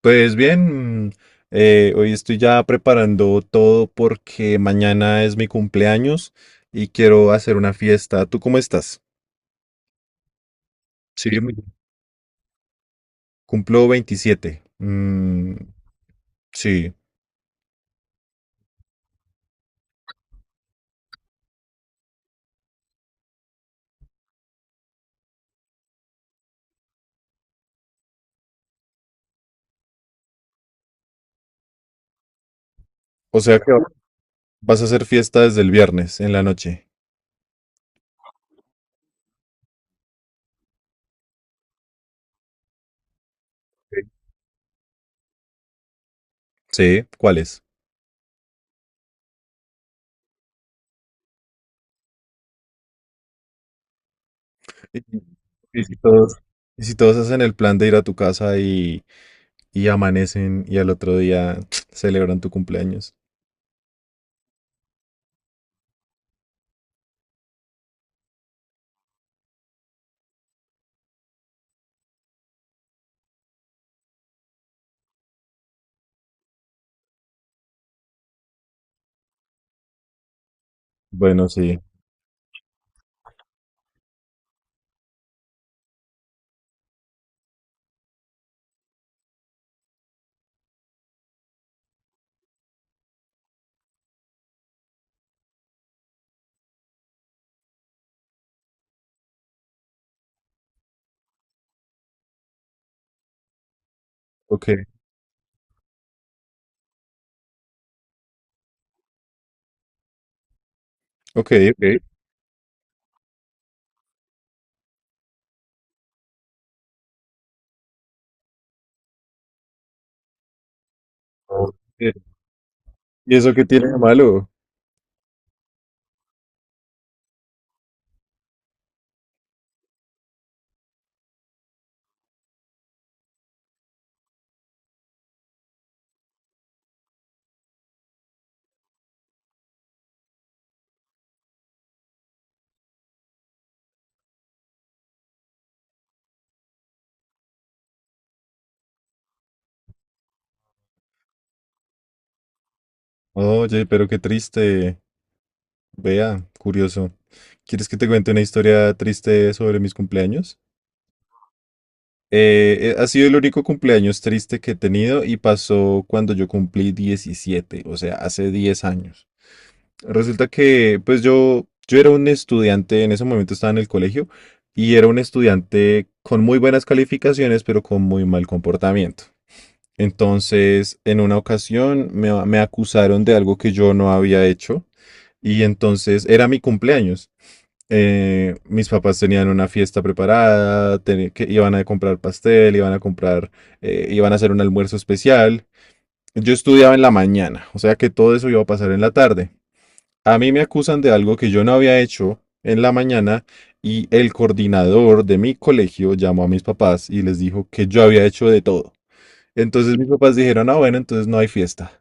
Pues bien, hoy estoy ya preparando todo porque mañana es mi cumpleaños y quiero hacer una fiesta. ¿Tú cómo estás? Sí, muy bien. Cumplo 27. Sí. O sea que vas a hacer fiesta desde el viernes en la noche. Sí, ¿cuáles? Y, y si todos, y si todos hacen el plan de ir a tu casa y amanecen y al otro día celebran tu cumpleaños. Bueno, sí. Ok, ok, ok. ¿Y eso qué tiene de malo? Oye, pero qué triste. Vea, curioso. ¿Quieres que te cuente una historia triste sobre mis cumpleaños? Ha sido el único cumpleaños triste que he tenido y pasó cuando yo cumplí 17, o sea, hace 10 años. Resulta que, pues yo era un estudiante, en ese momento estaba en el colegio, y era un estudiante con muy buenas calificaciones, pero con muy mal comportamiento. Entonces, en una ocasión me acusaron de algo que yo no había hecho. Y entonces era mi cumpleaños. Mis papás tenían una fiesta preparada, que iban a comprar pastel, iban a hacer un almuerzo especial. Yo estudiaba en la mañana, o sea que todo eso iba a pasar en la tarde. A mí me acusan de algo que yo no había hecho en la mañana y el coordinador de mi colegio llamó a mis papás y les dijo que yo había hecho de todo. Entonces mis papás dijeron: ah, bueno, entonces no hay fiesta.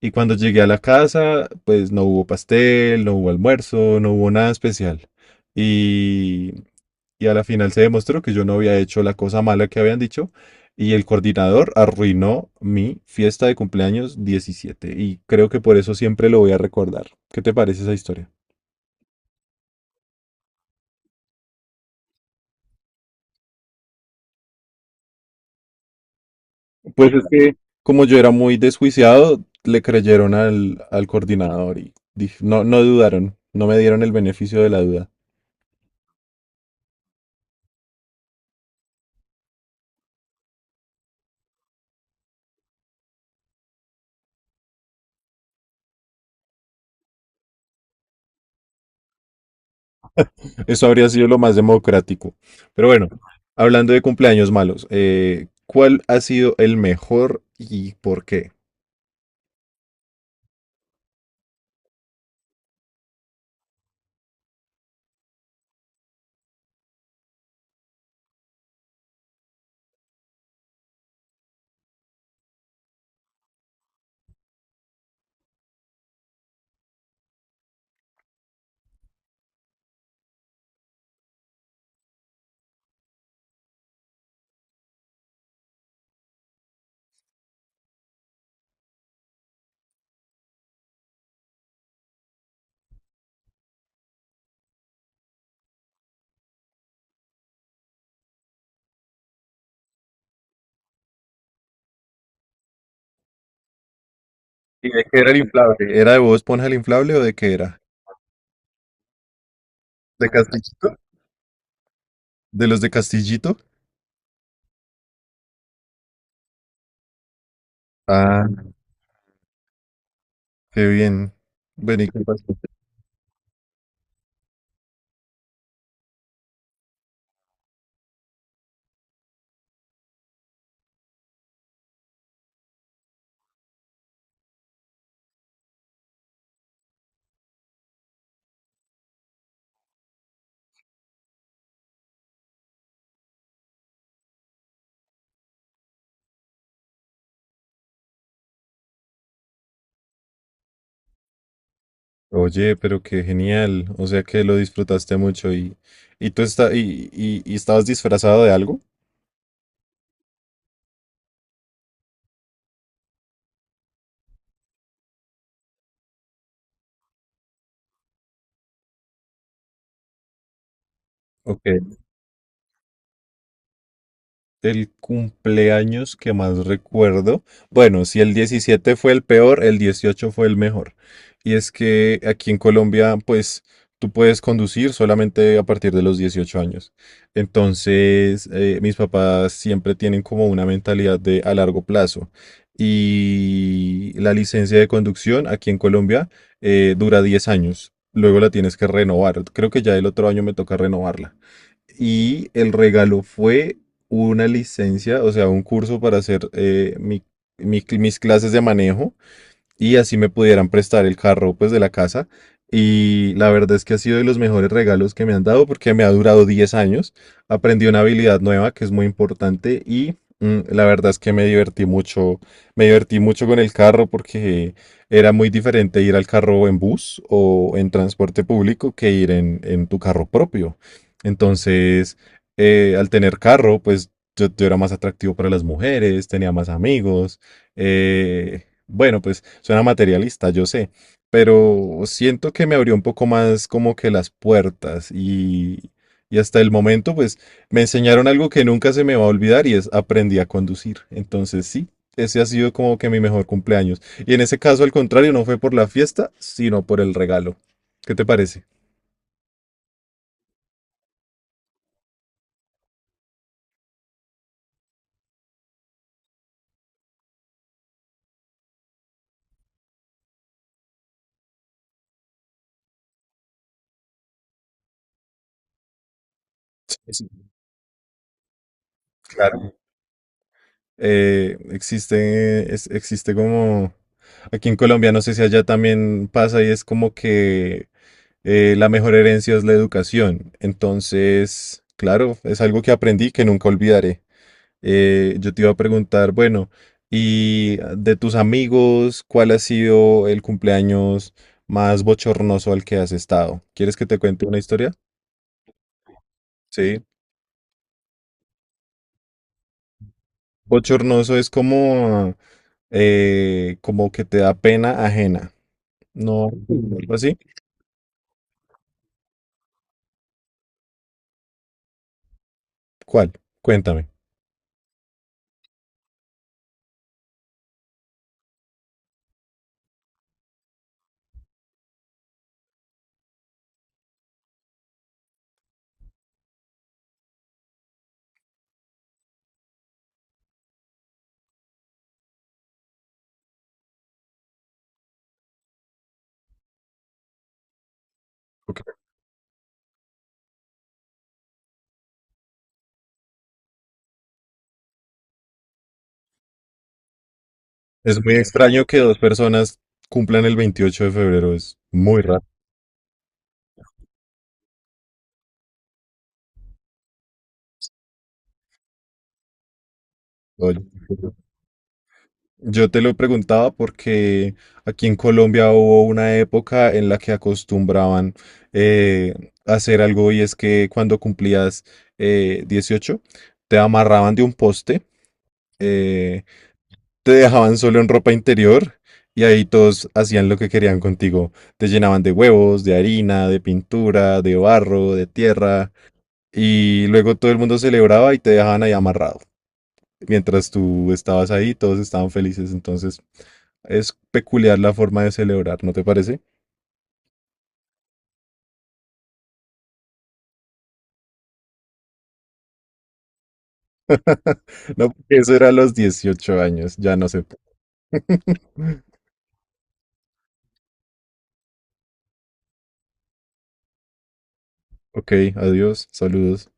Y cuando llegué a la casa, pues no hubo pastel, no hubo almuerzo, no hubo nada especial. Y, y a la final se demostró que yo no había hecho la cosa mala que habían dicho. Y el coordinador arruinó mi fiesta de cumpleaños 17. Y creo que por eso siempre lo voy a recordar. ¿Qué te parece esa historia? Pues es que, como yo era muy desjuiciado, le creyeron al coordinador y no dudaron, no me dieron el beneficio de la duda. Eso habría sido lo más democrático. Pero bueno, hablando de cumpleaños malos, ¿cuál ha sido el mejor y por qué? ¿Y de qué era el inflable? ¿Era de Bob Esponja el inflable o de qué era? ¿De Castillito? ¿De los de Castillito? Ah, qué bien. Vení, ¿qué pasó? Oye, pero qué genial. O sea que lo disfrutaste mucho y tú está, y estabas disfrazado de algo. Ok. El cumpleaños que más recuerdo, bueno, si el 17 fue el peor, el 18 fue el mejor. Y es que aquí en Colombia, pues tú puedes conducir solamente a partir de los 18 años. Entonces, mis papás siempre tienen como una mentalidad de a largo plazo. Y la licencia de conducción aquí en Colombia dura 10 años. Luego la tienes que renovar. Creo que ya el otro año me toca renovarla. Y el regalo fue una licencia, o sea, un curso para hacer mis clases de manejo y así me pudieran prestar el carro pues de la casa. Y la verdad es que ha sido de los mejores regalos que me han dado porque me ha durado 10 años. Aprendí una habilidad nueva que es muy importante y la verdad es que me divertí mucho con el carro porque era muy diferente ir al carro en bus o en transporte público que ir en tu carro propio. Entonces, al tener carro, pues yo era más atractivo para las mujeres, tenía más amigos. eh, bueno, pues suena materialista, yo sé, pero siento que me abrió un poco más como que las puertas y hasta el momento pues me enseñaron algo que nunca se me va a olvidar y es aprendí a conducir. Entonces sí, ese ha sido como que mi mejor cumpleaños. Y en ese caso al contrario, no fue por la fiesta, sino por el regalo. ¿Qué te parece? Sí, claro. Existe como... Aquí en Colombia, no sé si allá también pasa y es como que la mejor herencia es la educación. Entonces, claro, es algo que aprendí que nunca olvidaré. Yo te iba a preguntar, bueno, y de tus amigos, ¿cuál ha sido el cumpleaños más bochornoso al que has estado? ¿Quieres que te cuente una historia? Sí. Bochornoso es como, como que te da pena ajena. No, algo así. ¿Cuál? Cuéntame. Es muy extraño que dos personas cumplan el 28 de febrero. Es muy raro. Oye, yo te lo preguntaba porque aquí en Colombia hubo una época en la que acostumbraban eh, hacer algo y es que cuando cumplías 18 te amarraban de un poste, eh, te dejaban solo en ropa interior y ahí todos hacían lo que querían contigo. Te llenaban de huevos, de harina, de pintura, de barro, de tierra y luego todo el mundo celebraba y te dejaban ahí amarrado, mientras tú estabas ahí, todos estaban felices. Entonces, es peculiar la forma de celebrar, ¿no te parece? No, porque eso era a los 18 años, ya no sé. Ok, adiós, saludos.